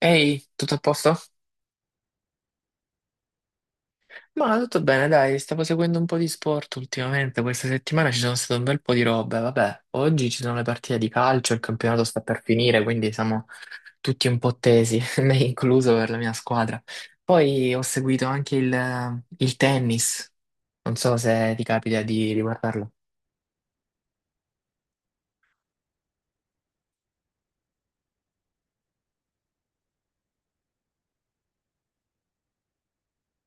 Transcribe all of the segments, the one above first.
Ehi, tutto a posto? Ma tutto bene, dai, stavo seguendo un po' di sport ultimamente. Questa settimana ci sono state un bel po' di robe, vabbè, oggi ci sono le partite di calcio, il campionato sta per finire, quindi siamo tutti un po' tesi, me incluso per la mia squadra. Poi ho seguito anche il tennis, non so se ti capita di guardarlo.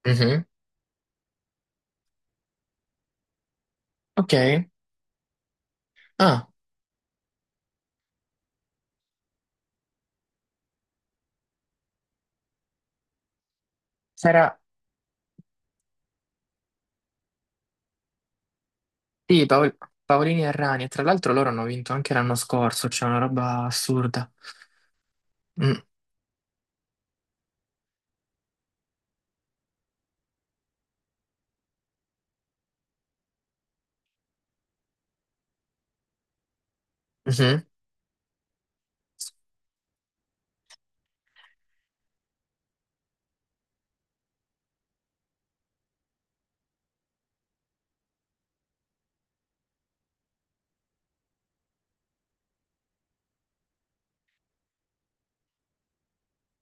Mhm. Ok, ah, sarà, sì. Paolini e Rani, e tra l'altro loro hanno vinto anche l'anno scorso, c'è una roba assurda. Mm, mhm.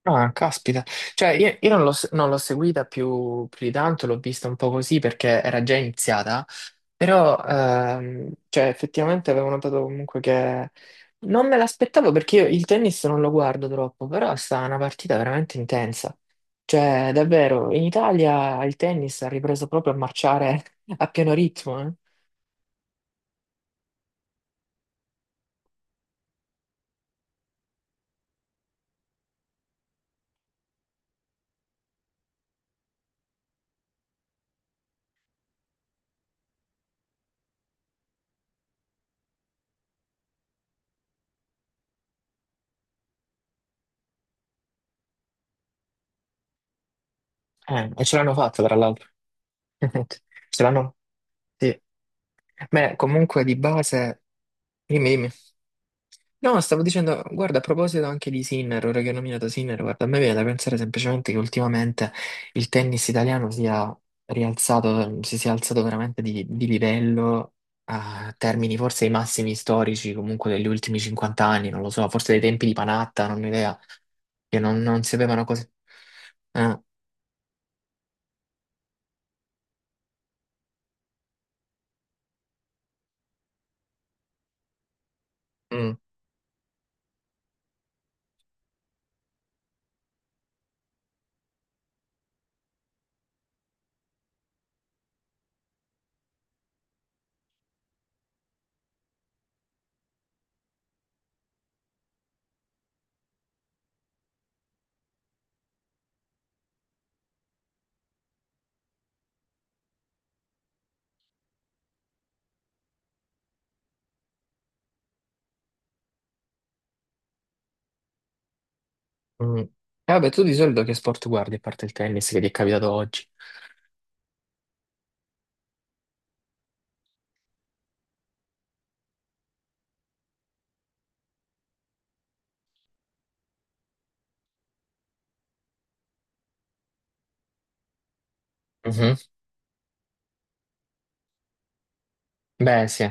Ah, caspita. Cioè, io non l'ho seguita più di tanto, l'ho vista un po' così perché era già iniziata, però cioè, effettivamente avevo notato comunque che non me l'aspettavo perché io il tennis non lo guardo troppo, però è stata una partita veramente intensa. Cioè, davvero, in Italia il tennis ha ripreso proprio a marciare a pieno ritmo, eh. E ce l'hanno fatta, tra l'altro. Ce l'hanno, sì. Beh, comunque di base, dimmi, dimmi. No, stavo dicendo, guarda, a proposito anche di Sinner, ora che ho nominato Sinner, guarda, a me viene da pensare semplicemente che ultimamente il tennis italiano sia rialzato, si sia alzato veramente di livello a termini forse i massimi storici comunque degli ultimi 50 anni, non lo so, forse dei tempi di Panatta, non ho idea, che non si avevano cose... Ah, mm, mm. E vabbè, tu di solito che sport guardi a parte il tennis che ti è capitato oggi? Mhm. Beh, sì.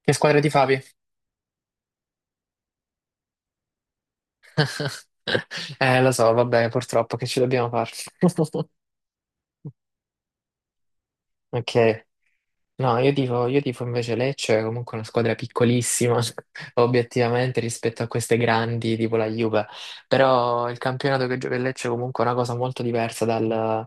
Che squadra ti favi? Lo so, va bene, purtroppo che ci dobbiamo fare. Ok. No, io tifo invece Lecce, è comunque una squadra piccolissima, obiettivamente, rispetto a queste grandi, tipo la Juve. Però il campionato che gioca il Lecce è comunque una cosa molto diversa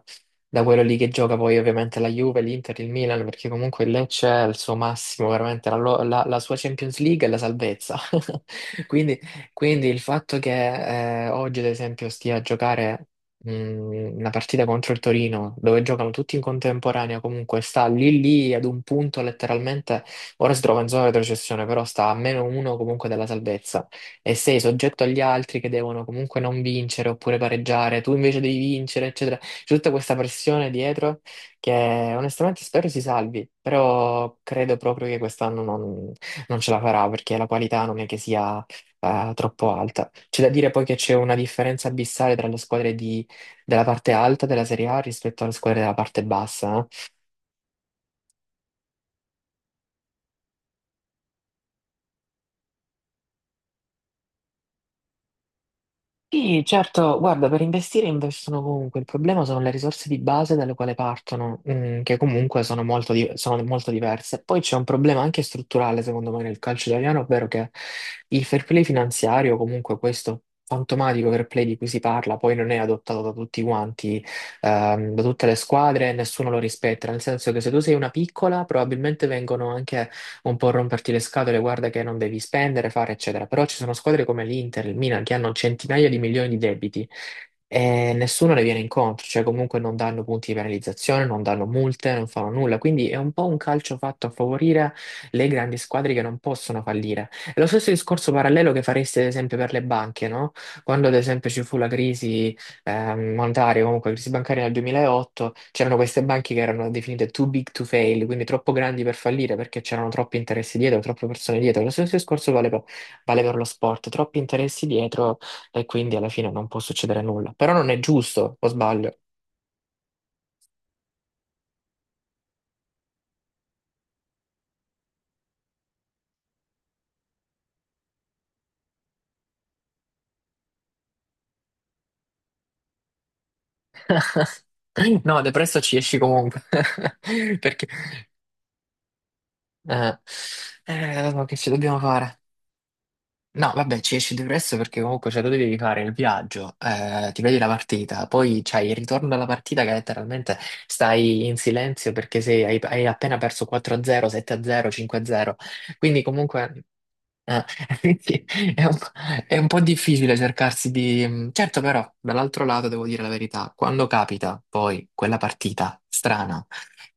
da quello lì che gioca poi ovviamente la Juve, l'Inter, il Milan, perché comunque il Lecce è il suo massimo, veramente, la sua Champions League è la salvezza. Quindi, quindi il fatto che oggi, ad esempio, stia a giocare la partita contro il Torino, dove giocano tutti in contemporanea, comunque sta lì lì ad un punto letteralmente, ora si trova in zona retrocessione, però sta a -1 comunque dalla salvezza e sei soggetto agli altri che devono comunque non vincere oppure pareggiare, tu invece devi vincere, eccetera. C'è tutta questa pressione dietro che onestamente spero si salvi, però credo proprio che quest'anno non ce la farà perché la qualità non è che sia troppo alta. C'è da dire poi che c'è una differenza abissale tra le squadre di della parte alta della Serie A rispetto alle squadre della parte bassa, eh. Sì, certo, guarda, per investire investono comunque, il problema sono le risorse di base dalle quali partono, mm, che comunque sono molto, sono molto diverse. Poi c'è un problema anche strutturale, secondo me, nel calcio italiano, ovvero che il fair play finanziario, comunque questo fantomatico fair play di cui si parla, poi non è adottato da tutti quanti, da tutte le squadre, nessuno lo rispetta, nel senso che se tu sei una piccola, probabilmente vengono anche un po' romperti le scatole, guarda che non devi spendere, fare, eccetera. Però ci sono squadre come l'Inter, il Milan, che hanno centinaia di milioni di debiti e nessuno le viene incontro, cioè comunque non danno punti di penalizzazione, non danno multe, non fanno nulla. Quindi è un po' un calcio fatto a favorire le grandi squadre che non possono fallire. È lo stesso discorso parallelo che faresti ad esempio per le banche, no? Quando ad esempio ci fu la crisi monetaria, comunque la crisi bancaria nel 2008, c'erano queste banche che erano definite too big to fail, quindi troppo grandi per fallire perché c'erano troppi interessi dietro, troppe persone dietro. Lo stesso discorso vale per lo sport, troppi interessi dietro e quindi alla fine non può succedere nulla. Però non è giusto, o sbaglio? No, depresso ci esci comunque, perché... eh, che ci dobbiamo fare? No, vabbè, ci esci depresso perché comunque cioè, tu devi fare il viaggio, ti vedi la partita, poi c'hai il ritorno alla partita che letteralmente stai in silenzio perché hai appena perso 4-0, 7-0, 5-0. Quindi comunque eh, quindi è un, po' è un po' difficile cercarsi di... Certo, però, dall'altro lato devo dire la verità, quando capita poi quella partita strana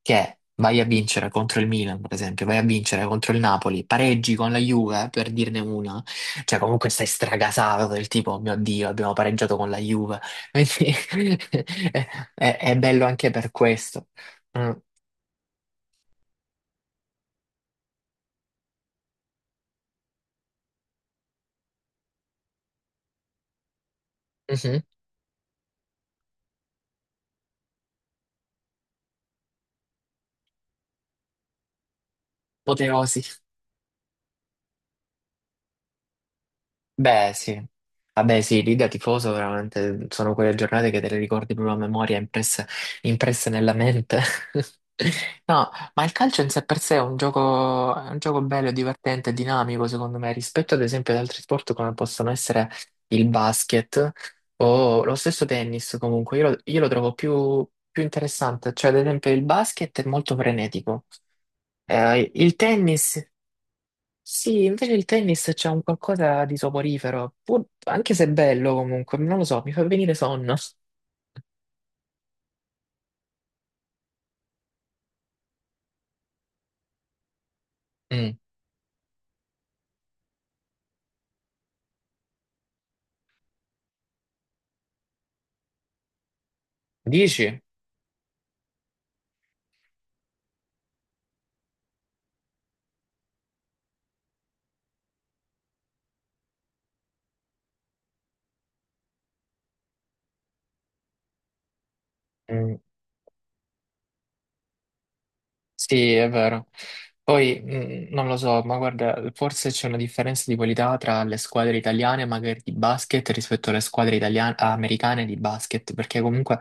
che vai a vincere contro il Milan, per esempio, vai a vincere contro il Napoli, pareggi con la Juve, per dirne una, cioè comunque stai stragasato del tipo, "Oh mio Dio, abbiamo pareggiato con la Juve." Quindi è, è bello anche per questo. Mm. Mhm. Apoteosi. Beh, sì. Vabbè, sì, lì da tifoso veramente sono quelle giornate che te le ricordi proprio a memoria, impresse nella mente. No, ma il calcio in sé per sé è un gioco bello, divertente, dinamico, secondo me, rispetto ad esempio ad altri sport come possono essere il basket o lo stesso tennis, comunque. Io lo trovo più interessante, cioè ad esempio il basket è molto frenetico. Il tennis. Sì, invece il tennis c'è un qualcosa di soporifero, anche se è bello comunque, non lo so, mi fa venire sonno. Mm. Dici? Mm. Sì, è vero. Poi mm, non lo so, ma guarda, forse c'è una differenza di qualità tra le squadre italiane magari di basket rispetto alle squadre italiane, americane di basket, perché comunque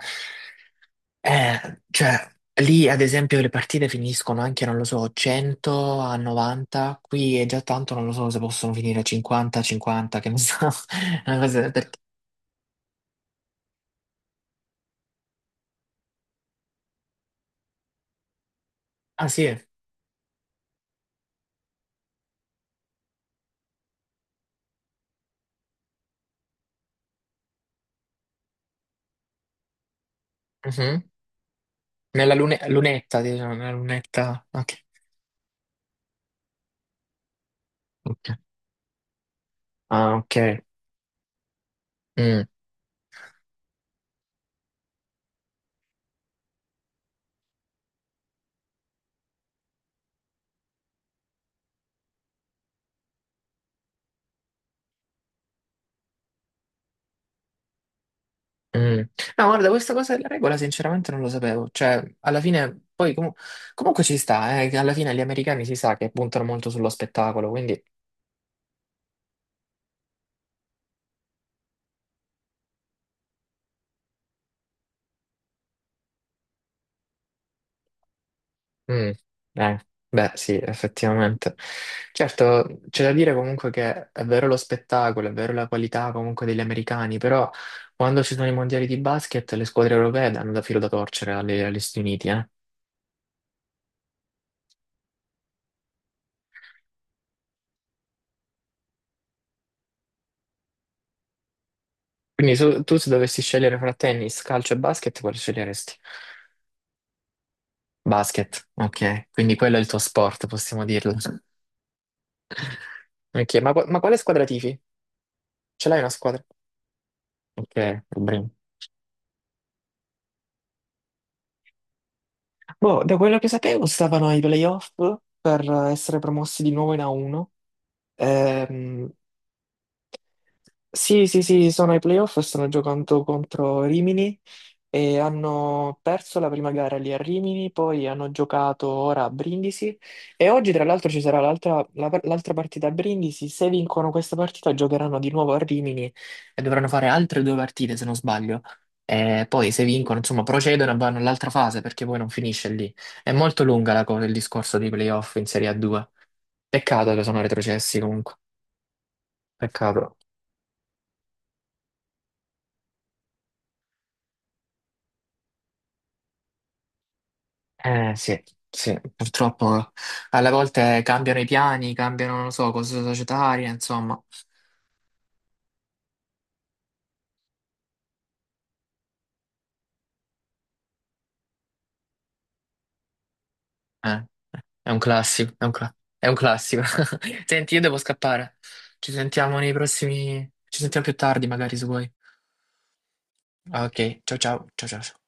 eh, cioè, lì ad esempio le partite finiscono anche, non lo so, 100 a 90, qui è già tanto, non lo so se possono finire 50 a 50, che ne so. Una cosa ah sì, mhm. Lunetta, diciamo, nella lunetta. Ok. Ok. Ah, ok. Mm, mm. No, guarda, questa cosa della regola sinceramente non lo sapevo. Cioè, alla fine, poi comunque ci sta, che alla fine gli americani si sa che puntano molto sullo spettacolo, quindi... Mm, eh, beh, sì, effettivamente. Certo, c'è da dire comunque che è vero lo spettacolo, è vero la qualità comunque degli americani, però quando ci sono i mondiali di basket le squadre europee danno da filo da torcere agli Stati Uniti, eh. Quindi tu se dovessi scegliere fra tennis, calcio e basket, quale sceglieresti? Basket, ok. Quindi quello è il tuo sport, possiamo dirlo. Ok, ma quale squadra tifi? Ce l'hai una squadra? Ok, Brim. Boh, da quello che sapevo stavano ai playoff per essere promossi di nuovo in A1. Ehm, sì, sì, sì, sono ai playoff, stanno giocando contro Rimini e hanno perso la prima gara lì a Rimini, poi hanno giocato ora a Brindisi e oggi tra l'altro ci sarà l'altra partita a Brindisi, se vincono questa partita giocheranno di nuovo a Rimini e dovranno fare altre due partite se non sbaglio. E poi se vincono, insomma, procedono e vanno all'altra fase perché poi non finisce lì. È molto lunga la cosa, il discorso dei playoff in Serie A2. Peccato che sono retrocessi comunque, peccato. Eh sì, sì, purtroppo alle volte cambiano i piani, cambiano, non lo so, cose societarie, insomma. Eh, è un, classico, è un, è un classico. Senti, io devo scappare. Ci sentiamo nei prossimi... Ci sentiamo più tardi, magari, se vuoi. Ok, ciao ciao, ciao ciao.